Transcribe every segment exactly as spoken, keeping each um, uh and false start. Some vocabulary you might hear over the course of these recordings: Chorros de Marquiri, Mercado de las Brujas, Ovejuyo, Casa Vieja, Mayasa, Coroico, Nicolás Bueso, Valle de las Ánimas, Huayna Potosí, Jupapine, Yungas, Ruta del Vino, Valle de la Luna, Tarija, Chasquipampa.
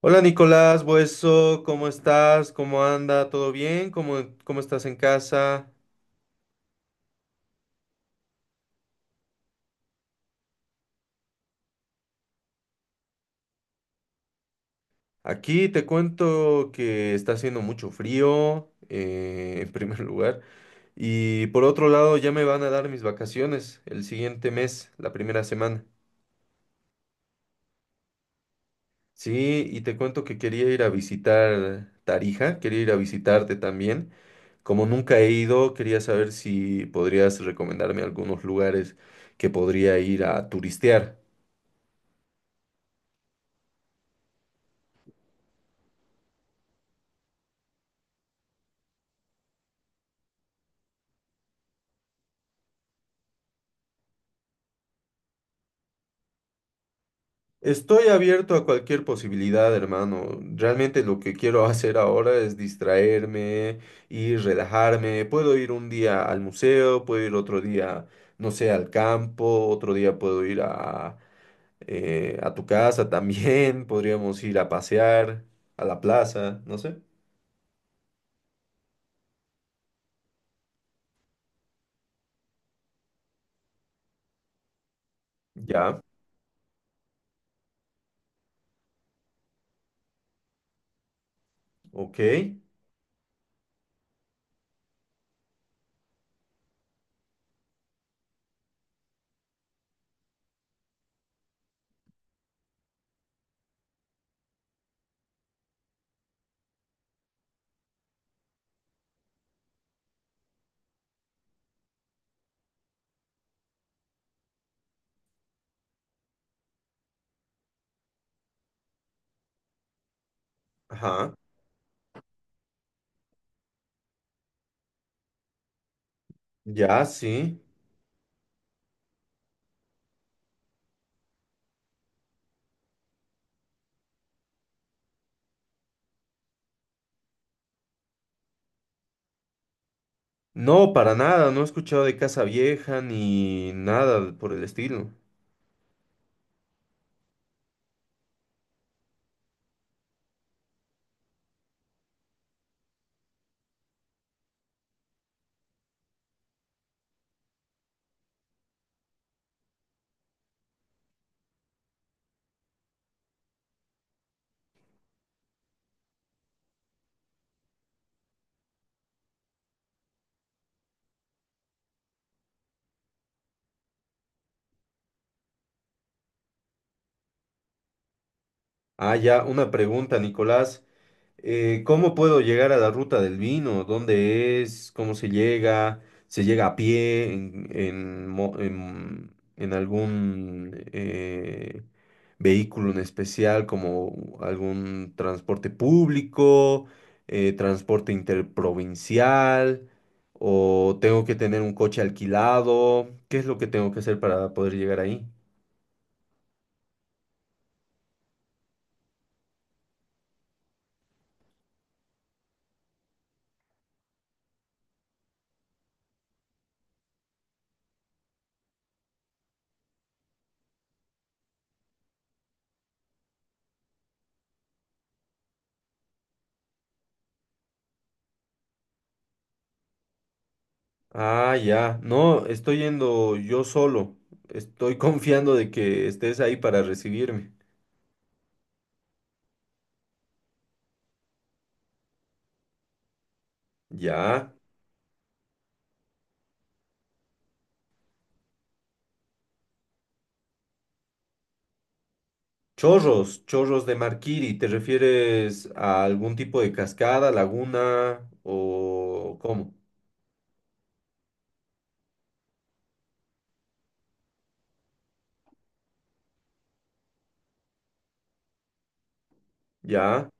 Hola Nicolás, Bueso, ¿cómo estás? ¿Cómo anda? ¿Todo bien? ¿Cómo, cómo estás en casa? Aquí te cuento que está haciendo mucho frío, eh, en primer lugar, y por otro lado ya me van a dar mis vacaciones el siguiente mes, la primera semana. Sí, y te cuento que quería ir a visitar Tarija, quería ir a visitarte también. Como nunca he ido, quería saber si podrías recomendarme algunos lugares que podría ir a turistear. Estoy abierto a cualquier posibilidad, hermano. Realmente lo que quiero hacer ahora es distraerme y relajarme. Puedo ir un día al museo, puedo ir otro día, no sé, al campo, otro día puedo ir a, eh, a tu casa también, podríamos ir a pasear, a la plaza, no sé. Ya, ok. Ajá. Ya, sí. No, para nada, no he escuchado de Casa Vieja ni nada por el estilo. Ah, ya, una pregunta, Nicolás. Eh, ¿cómo puedo llegar a la ruta del vino? ¿Dónde es? ¿Cómo se llega? ¿Se llega a pie? ¿En, en mo- en- en algún eh, vehículo en especial, como algún transporte público, eh, transporte interprovincial? ¿O tengo que tener un coche alquilado? ¿Qué es lo que tengo que hacer para poder llegar ahí? Ah, ya. No, estoy yendo yo solo. Estoy confiando de que estés ahí para recibirme. Ya. Chorros, chorros de Marquiri. ¿Te refieres a algún tipo de cascada, laguna o cómo? Ya.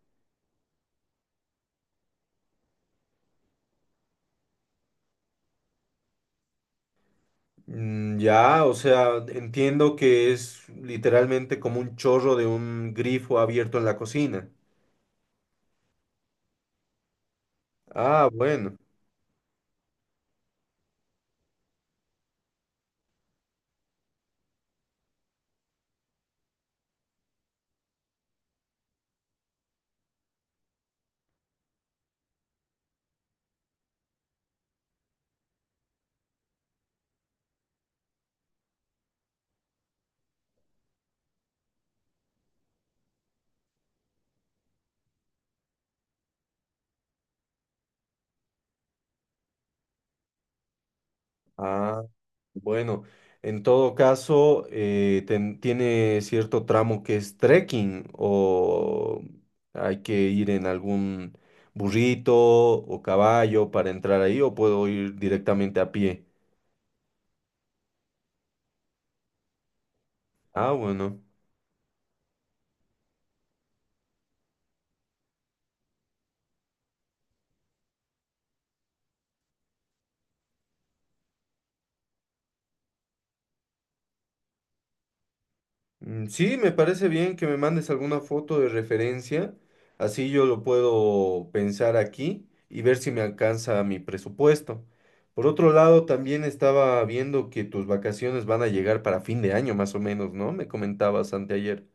Mm, ya, o sea, entiendo que es literalmente como un chorro de un grifo abierto en la cocina. Ah, bueno. Ah. Bueno, en todo caso, eh, ten- tiene cierto tramo que es trekking o hay que ir en algún burrito o caballo para entrar ahí o puedo ir directamente a pie. Ah, bueno. Mm, sí, me parece bien que me mandes alguna foto de referencia, así yo lo puedo pensar aquí y ver si me alcanza mi presupuesto. Por otro lado, también estaba viendo que tus vacaciones van a llegar para fin de año más o menos, ¿no? Me comentabas anteayer.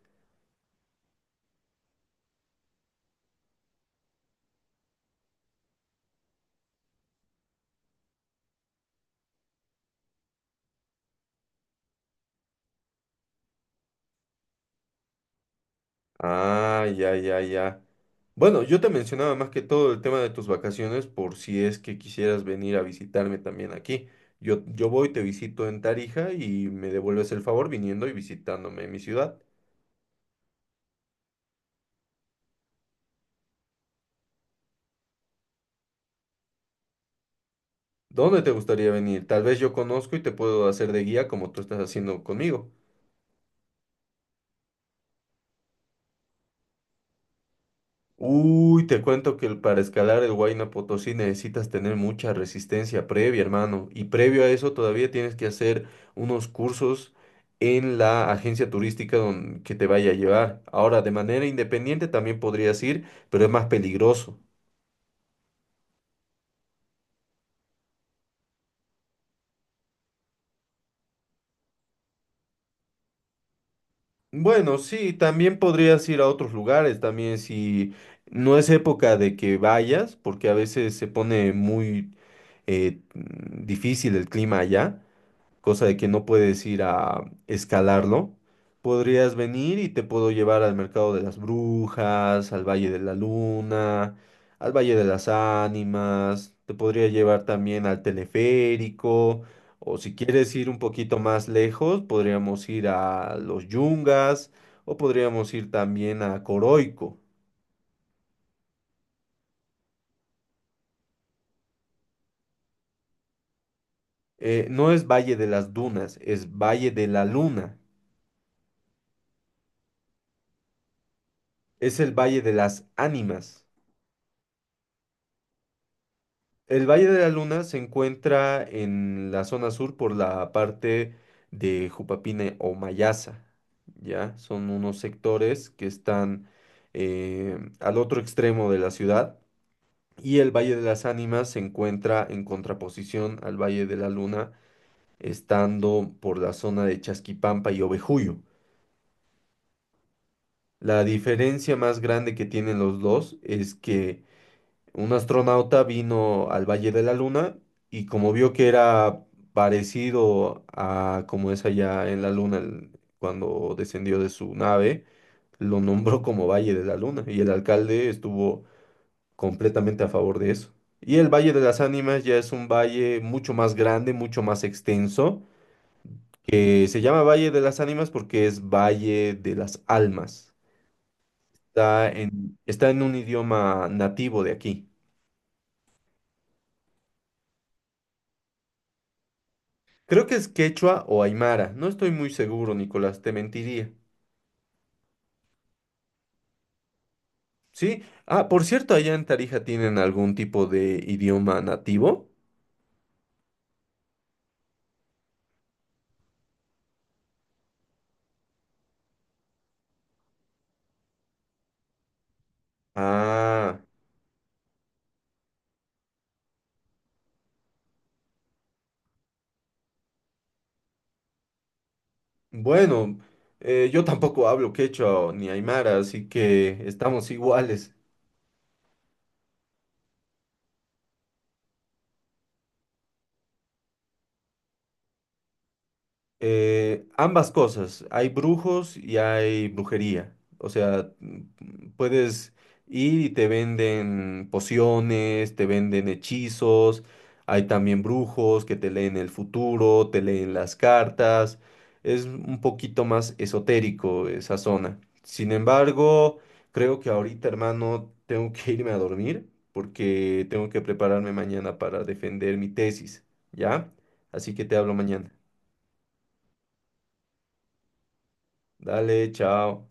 Ah, ya, ya, ya. Bueno, yo te mencionaba más que todo el tema de tus vacaciones por si es que quisieras venir a visitarme también aquí. Yo, yo voy, te visito en Tarija y me devuelves el favor viniendo y visitándome en mi ciudad. ¿Dónde te gustaría venir? Tal vez yo conozco y te puedo hacer de guía como tú estás haciendo conmigo. Uy, te cuento que el- para escalar el Huayna Potosí necesitas tener mucha resistencia previa, hermano. Y previo a eso todavía tienes que hacer unos cursos en la agencia turística don- que te vaya a llevar. Ahora, de manera independiente también podrías ir, pero es más peligroso. Bueno, sí, también podrías ir a otros lugares, también si no es época de que vayas, porque a veces se pone muy eh, mm, difícil el clima allá, cosa de que no puedes ir a escalarlo, podrías venir y te puedo llevar al Mercado de las Brujas, al Valle de la Luna, al Valle de las Ánimas, te podría llevar también al teleférico, o si quieres ir un poquito más lejos, podríamos ir a los Yungas, o podríamos ir también a Coroico. Eh, no es Valle de las Dunas, es Valle de la Luna. Es el Valle de las Ánimas. El Valle de la Luna se encuentra en la zona sur por la parte de Jupapine o Mayasa, ¿ya? Son unos sectores que están eh, al otro extremo de la ciudad y el Valle de las Ánimas se encuentra en contraposición al Valle de la Luna, estando por la zona de Chasquipampa y Ovejuyo. La diferencia más grande que tienen los dos es que un astronauta vino al Valle de la Luna y como vio que era parecido a como es allá en la Luna el- cuando descendió de su nave, lo nombró como Valle de la Luna y el alcalde estuvo completamente a favor de eso. Y el Valle de las Ánimas ya es un valle mucho más grande, mucho más extenso, que se llama Valle de las Ánimas porque es Valle de las Almas. Está en, está en un idioma nativo de aquí. Creo que es quechua o aymara. No estoy muy seguro, Nicolás, te mentiría. ¿Sí? Ah, por cierto, allá en Tarija tienen algún tipo de idioma nativo. Ah, bueno, eh, yo tampoco hablo quechua o ni aymara, así que estamos iguales. Eh, ambas cosas, hay brujos y hay brujería. O sea, mm, puedes ir y te venden pociones, te venden hechizos, hay también brujos que te leen el futuro, te leen las cartas. Es un poquito más esotérico esa zona. Sin embargo, creo que ahorita, hermano, tengo que irme a dormir porque tengo que prepararme mañana para defender mi tesis, ¿ya? Así que te hablo mañana. Dale, chao.